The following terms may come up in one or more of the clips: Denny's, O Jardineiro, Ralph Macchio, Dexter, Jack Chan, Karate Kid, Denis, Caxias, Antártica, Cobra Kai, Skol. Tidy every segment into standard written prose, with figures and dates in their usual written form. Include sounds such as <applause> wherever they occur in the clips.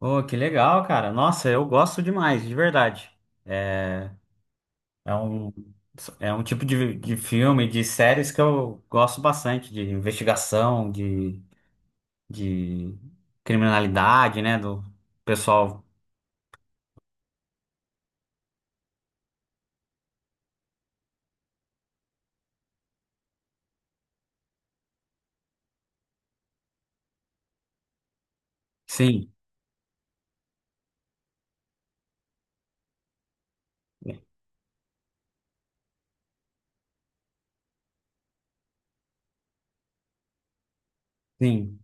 Oh, que legal, cara. Nossa, eu gosto demais, de verdade. É, é um, é um tipo de filme, de séries que eu gosto bastante, de investigação, de criminalidade, né? Do pessoal. Sim, sim.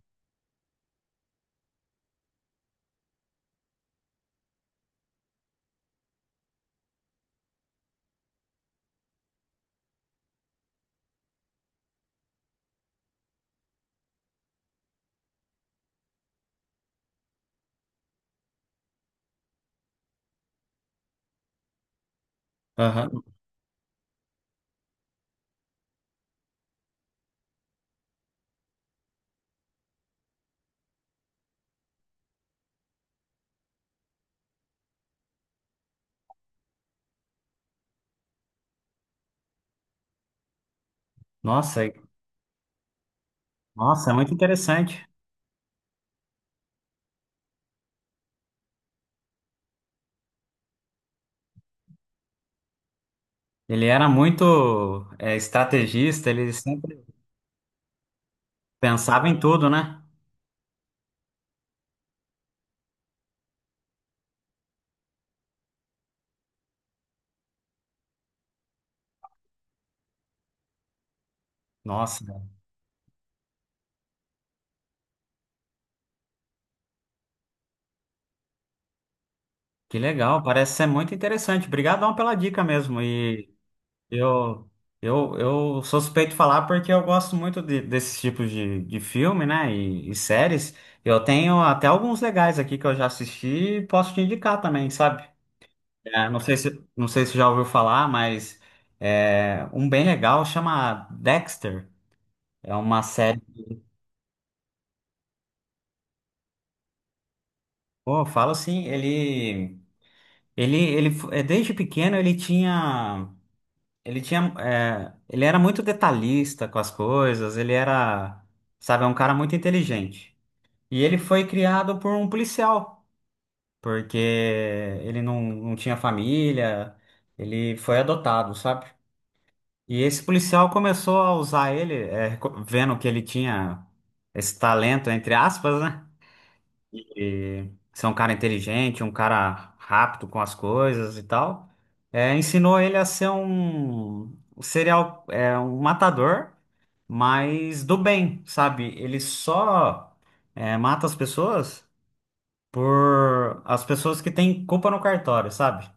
Aham. Nossa, e- Nossa, é muito interessante. Ele era muito, estrategista, ele sempre pensava em tudo, né? Nossa, que legal. Parece ser muito interessante. Obrigadão pela dica mesmo. Eu, eu sou suspeito de falar porque eu gosto muito de, desses tipos de filme, né? E séries. Eu tenho até alguns legais aqui que eu já assisti e posso te indicar também, sabe? É, não sei se, não sei se já ouviu falar, mas um bem legal chama Dexter. É uma série. Pô, eu falo assim, desde pequeno ele tinha, ele tinha, ele era muito detalhista com as coisas. Ele era, sabe, é um cara muito inteligente. E ele foi criado por um policial, porque ele não tinha família, ele foi adotado, sabe? E esse policial começou a usar ele, vendo que ele tinha esse talento, entre aspas, né? E ser um cara inteligente, um cara rápido com as coisas e tal. É, ensinou ele a ser um um serial, um matador, mas do bem, sabe? Ele só, mata as pessoas. Por as pessoas que têm culpa no cartório, sabe?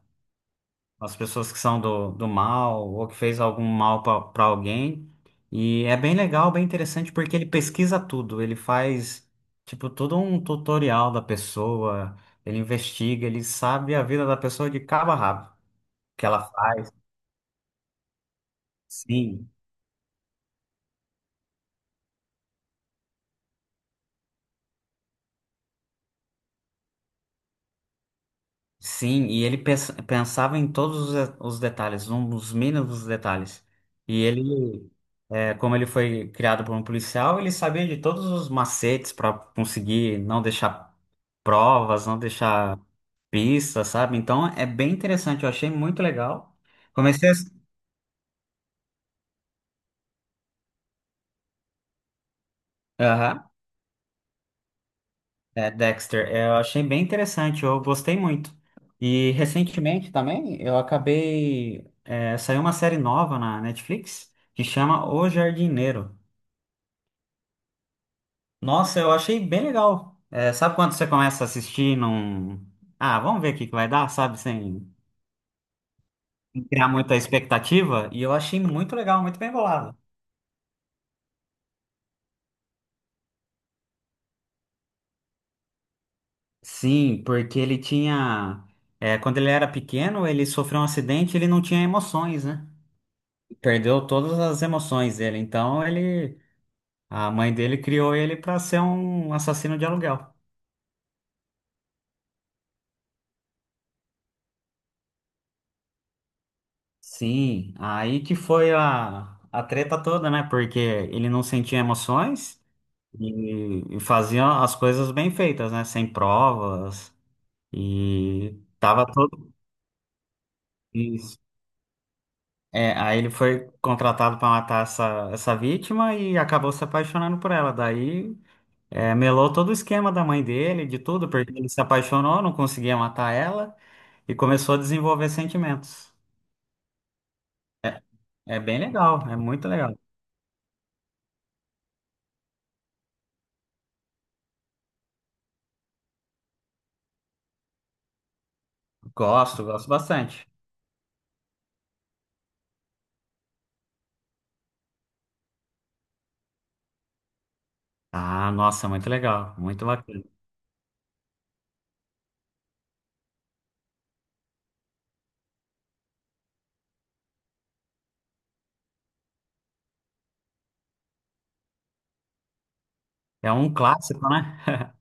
As pessoas que são do, do mal ou que fez algum mal para alguém. E é bem legal, bem interessante, porque ele pesquisa tudo, ele faz, tipo, todo um tutorial da pessoa, ele investiga, ele sabe a vida da pessoa de cabo a rabo, o que ela faz, sim. Sim, e ele pensava em todos os detalhes, nos mínimos detalhes. E ele, como ele foi criado por um policial, ele sabia de todos os macetes para conseguir não deixar provas, não deixar pistas, sabe? Então é bem interessante, eu achei muito legal. Comecei a... Aham, Dexter, eu achei bem interessante, eu gostei muito. E recentemente também eu acabei, saiu uma série nova na Netflix que chama O Jardineiro. Nossa, eu achei bem legal. É, sabe quando você começa a assistir num. Ah, vamos ver o que que vai dar, sabe? Sem criar muita expectativa. E eu achei muito legal, muito bem bolado. Sim, porque ele tinha. Quando ele era pequeno, ele sofreu um acidente, ele não tinha emoções, né? Perdeu todas as emoções dele. Então ele. A mãe dele criou ele para ser um assassino de aluguel. Sim, aí que foi a treta toda, né? Porque ele não sentia emoções. E faziam as coisas bem feitas, né? Sem provas. E tava todo. Isso. É, aí ele foi contratado para matar essa vítima e acabou se apaixonando por ela. Daí melou todo o esquema da mãe dele, de tudo, porque ele se apaixonou, não conseguia matar ela e começou a desenvolver sentimentos. É, é bem legal, é muito legal. Gosto, gosto bastante. Ah, nossa, muito legal, muito bacana. É um clássico, né?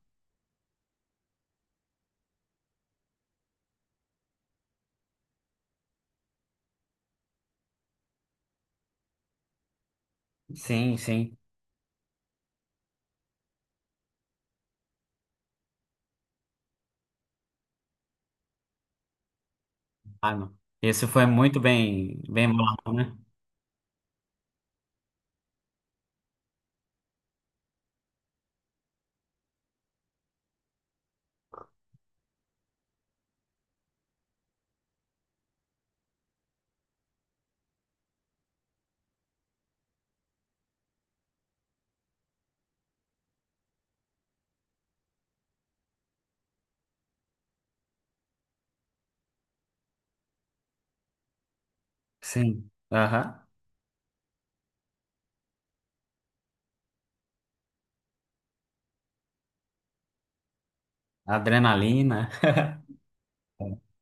<laughs> Sim, sim. Ah, não. Esse foi muito bem, bem bolado, né? Sim. Aham. Adrenalina. <laughs>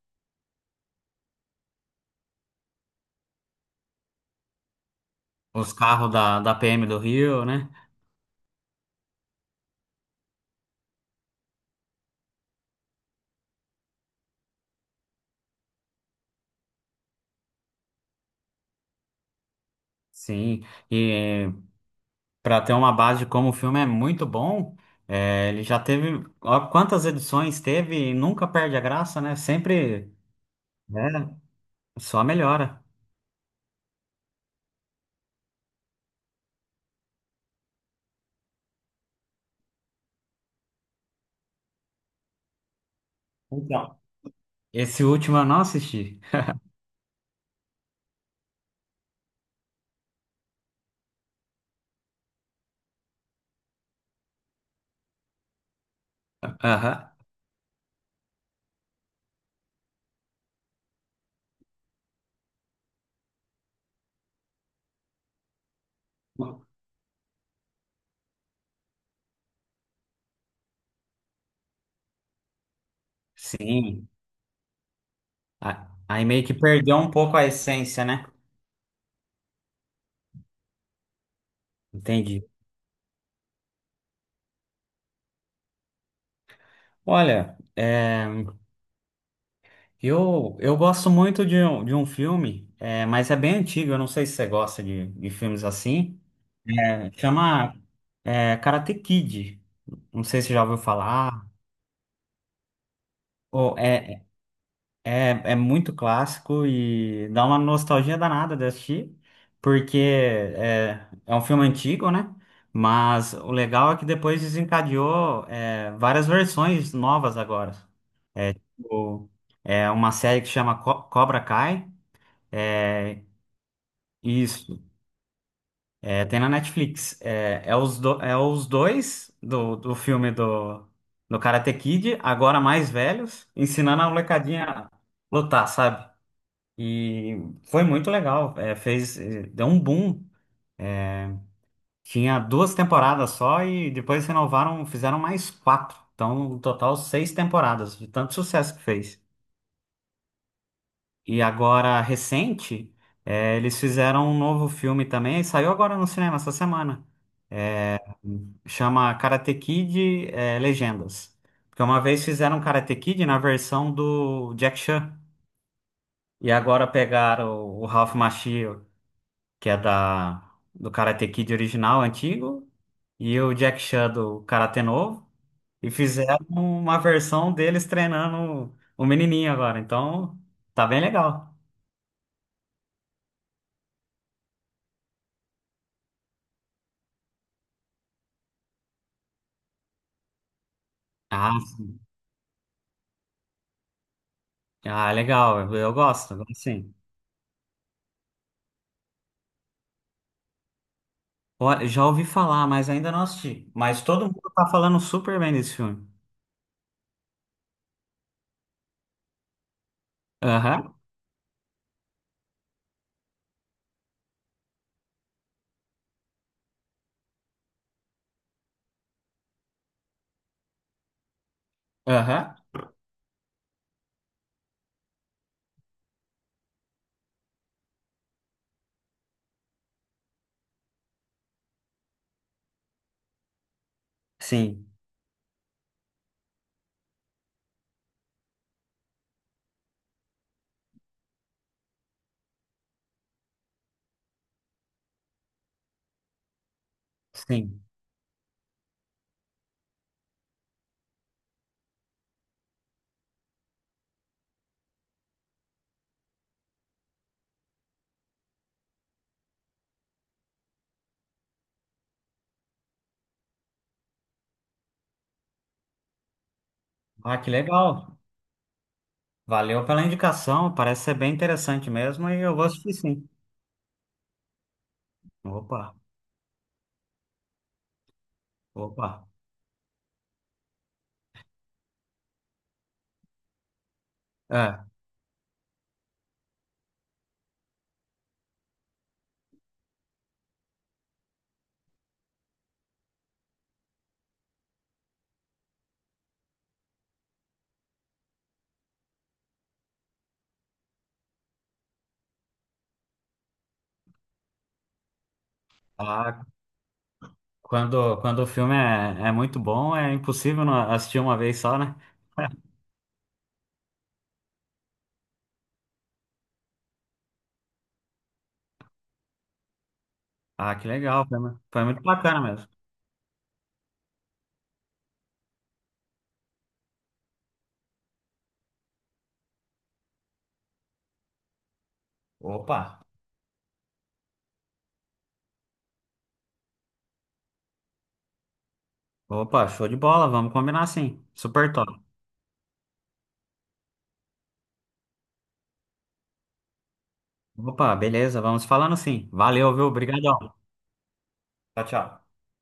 Os carros da, da PM do Rio, né? Sim. E para ter uma base de como o filme é muito bom, é, ele já teve. Ó, quantas edições teve e nunca perde a graça, né? Sempre, né? Só melhora. Então. Esse último eu não assisti. Aham. Sim. Aí meio que perdeu um pouco a essência, né? Entendi. Olha, é, eu gosto muito de um filme, mas é bem antigo, eu não sei se você gosta de filmes assim. É, chama, Karate Kid. Não sei se você já ouviu falar. Pô, é, é muito clássico e dá uma nostalgia danada de assistir, porque é um filme antigo, né? Mas o legal é que depois desencadeou, várias versões novas agora. O- É uma série que chama Cobra Kai. É, isso. É, tem na Netflix. É os dois do, do filme do, do Karate Kid, agora mais velhos, ensinando a molecadinha a lutar, sabe? E foi muito legal. Deu um boom. Tinha duas temporadas só e depois renovaram, fizeram mais quatro. Então, no total, seis temporadas, de tanto sucesso que fez. E agora, recente, eles fizeram um novo filme também, saiu agora no cinema essa semana. Chama Karate Kid, Legendas. Porque uma vez fizeram um Karate Kid na versão do Jack Chan. E agora pegaram o Ralph Macchio, que é da, do Karate Kid original, antigo, e o Jack Chan do Karate novo, e fizeram uma versão deles treinando o menininho agora. Então, tá bem legal. Ah, ah, legal, eu gosto, assim. Já ouvi falar, mas ainda não assisti. Mas todo mundo tá falando super bem desse filme. Aham, aham. Sim, sim. Ah, que legal. Valeu pela indicação, parece ser bem interessante mesmo e eu vou assistir sim. Opa, opa. É, ah, Quando, quando o filme é, é muito bom, é impossível não assistir uma vez só, né? <laughs> Ah, que legal, foi, foi muito bacana mesmo. Opa, opa, show de bola, vamos combinar sim. Super top. Opa, beleza, vamos falando sim. Valeu, viu? Obrigadão. Tchau, tchau.